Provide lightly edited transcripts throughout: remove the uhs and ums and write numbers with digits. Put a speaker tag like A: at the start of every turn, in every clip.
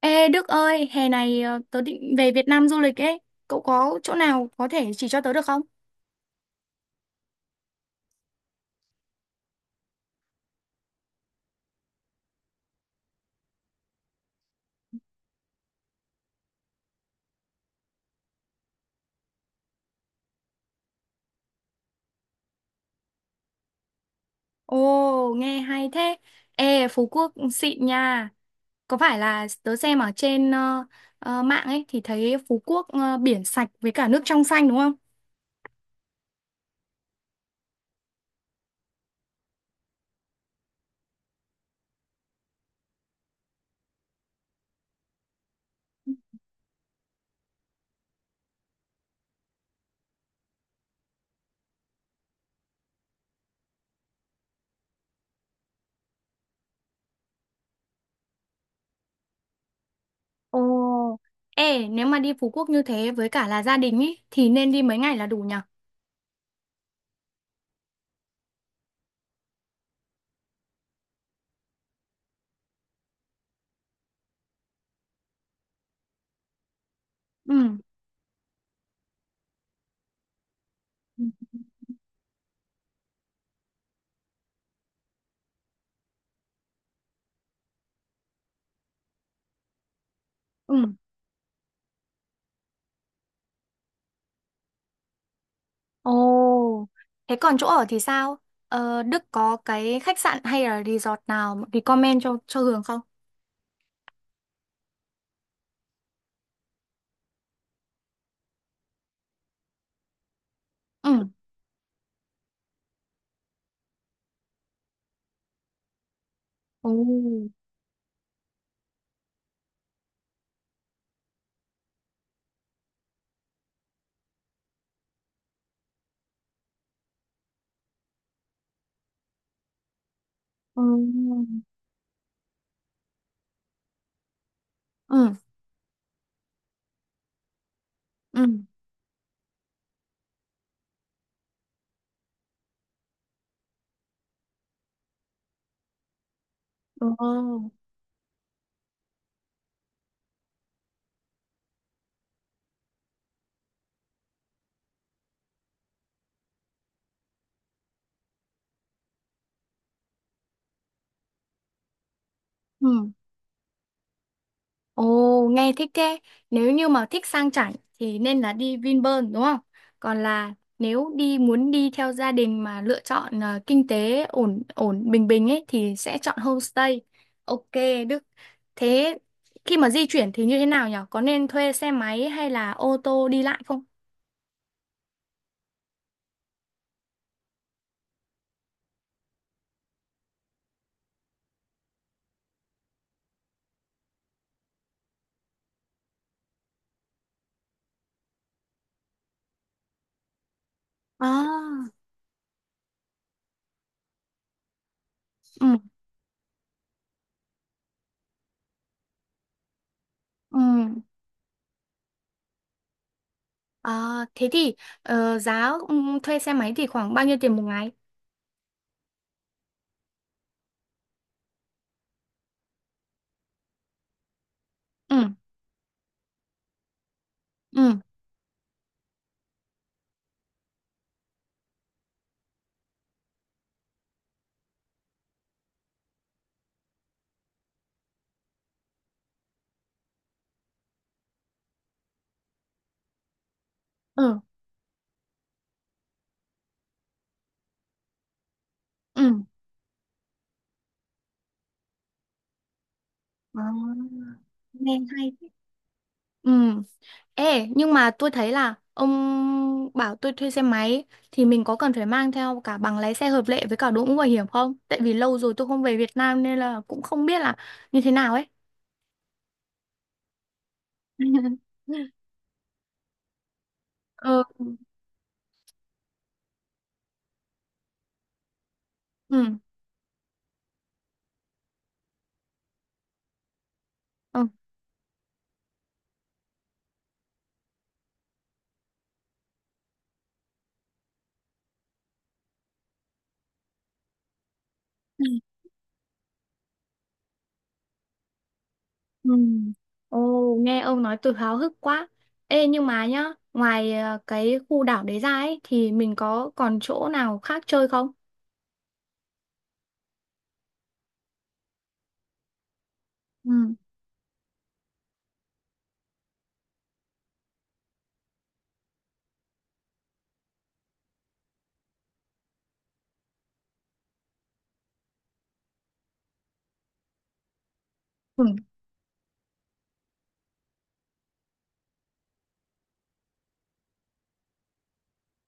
A: Ê Đức ơi, hè này tớ định về Việt Nam du lịch ấy. Cậu có chỗ nào có thể chỉ cho tớ được không? Ồ, nghe hay thế. Ê, Phú Quốc xịn nha. Có phải là tớ xem ở trên mạng ấy thì thấy Phú Quốc biển sạch với cả nước trong xanh đúng không? Ồ, ê, nếu mà đi Phú Quốc như thế với cả là gia đình ấy thì nên đi mấy ngày là đủ nhở? Ừ. Ừ. Ừ. Ồ, thế còn chỗ ở thì sao? Ờ, Đức có cái khách sạn hay là resort nào recommend cho Hường không? Ừ. Ồ. Ừ. Ừ. Ừ. Ừ. Ồ. Ừ. Ồ, nghe thích thế. Nếu như mà thích sang chảnh thì nên là đi Vinpearl đúng không? Còn là nếu đi muốn đi theo gia đình mà lựa chọn kinh tế ổn ổn bình bình ấy thì sẽ chọn homestay. Ok, Đức. Thế khi mà di chuyển thì như thế nào nhỉ? Có nên thuê xe máy hay là ô tô đi lại không? À, Ừ, ừ. À, thế thì giá ừ, thuê xe máy thì khoảng bao nhiêu tiền một ngày? Ừ, ừ, ừ, ừ. À, nghe hay. Ừ. Ê, nhưng mà tôi thấy là ông bảo tôi thuê xe máy thì mình có cần phải mang theo cả bằng lái xe hợp lệ với cả đội mũ bảo hiểm không? Tại vì lâu rồi tôi không về Việt Nam nên là cũng không biết là như thế nào ấy. Ừ. Ừ. Ừ. Ừ. Ồ, nghe ông nói tôi háo hức quá. Ê, nhưng mà nhá, ngoài cái khu đảo đấy ra ấy thì mình có còn chỗ nào khác chơi không? Ừ. Ừ.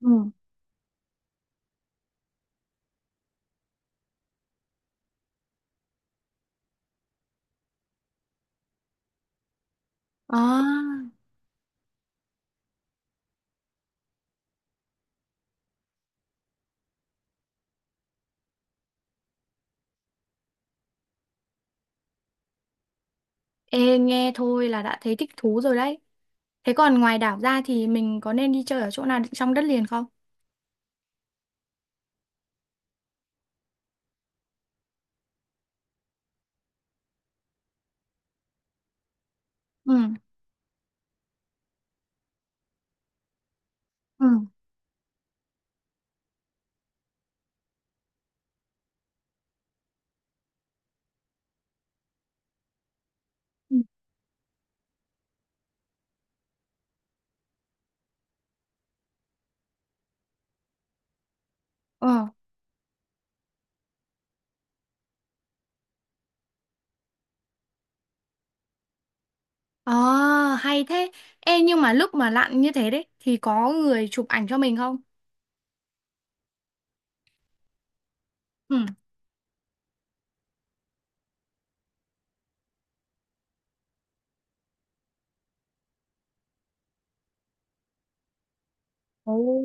A: Ừ. À. Ê, nghe thôi là đã thấy thích thú rồi đấy. Thế còn ngoài đảo ra thì mình có nên đi chơi ở chỗ nào trong đất liền không? Ừ. Ừ. Ừ. Ờ. Ờ, hay thế. Ê, nhưng mà lúc mà lặn như thế đấy thì có người chụp ảnh cho mình không? Ừ. Ồ.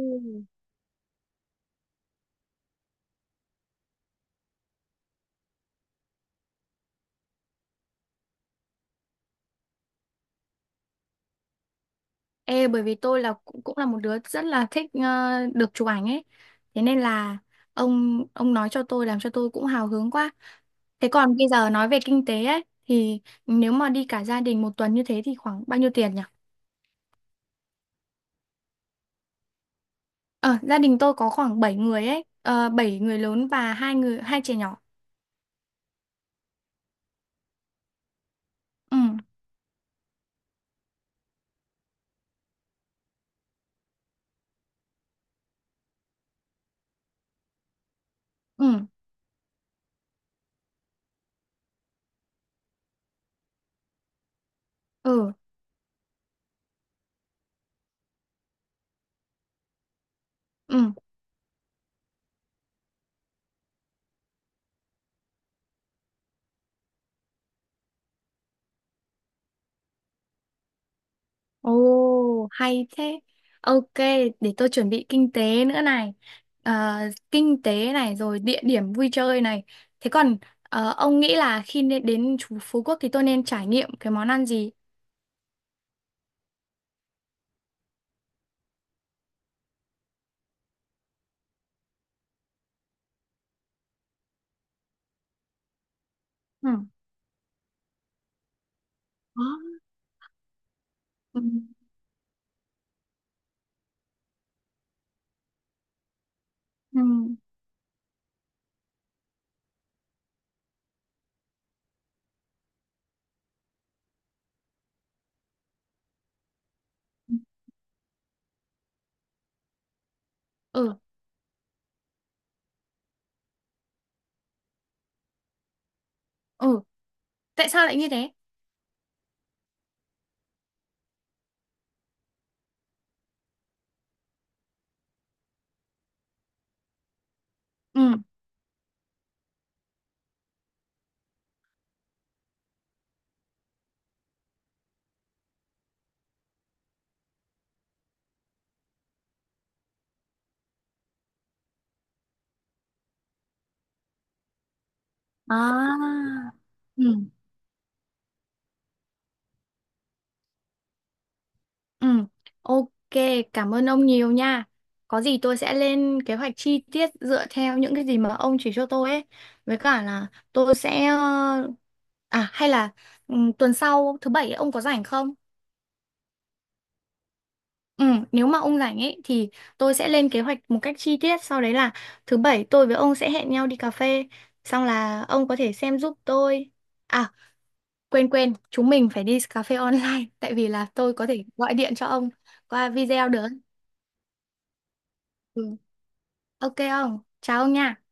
A: Ê, bởi vì tôi là cũng cũng là một đứa rất là thích được chụp ảnh ấy. Thế nên là ông nói cho tôi làm cho tôi cũng hào hứng quá. Thế còn bây giờ nói về kinh tế ấy thì nếu mà đi cả gia đình một tuần như thế thì khoảng bao nhiêu tiền nhỉ? Ờ, gia đình tôi có khoảng 7 người ấy, 7 người lớn và hai trẻ nhỏ. Ừ, ừ, ừ, ừ. Ồ, hay thế. Ok, để tôi chuẩn bị kinh tế nữa này. Ờ, kinh tế này rồi địa điểm vui chơi này. Thế còn ông nghĩ là khi nên đến chú Phú Quốc thì tôi nên trải nghiệm cái món ăn gì? Ừ. Đó. Ừ. Ừ. Ừ. Ừ. Tại sao lại như thế? Ừ. À. Ừ. Ừ, ok, cảm ơn ông nhiều nha. Có gì tôi sẽ lên kế hoạch chi tiết dựa theo những cái gì mà ông chỉ cho tôi ấy. Với cả là tôi sẽ... à, hay là ừ, tuần sau thứ bảy ấy, ông có rảnh không? Ừ, nếu mà ông rảnh ấy thì tôi sẽ lên kế hoạch một cách chi tiết. Sau đấy là thứ bảy tôi với ông sẽ hẹn nhau đi cà phê. Xong là ông có thể xem giúp tôi. À, quên quên, chúng mình phải đi cà phê online. Tại vì là tôi có thể gọi điện cho ông qua video được. Ừ. Ok ông, chào ông nha.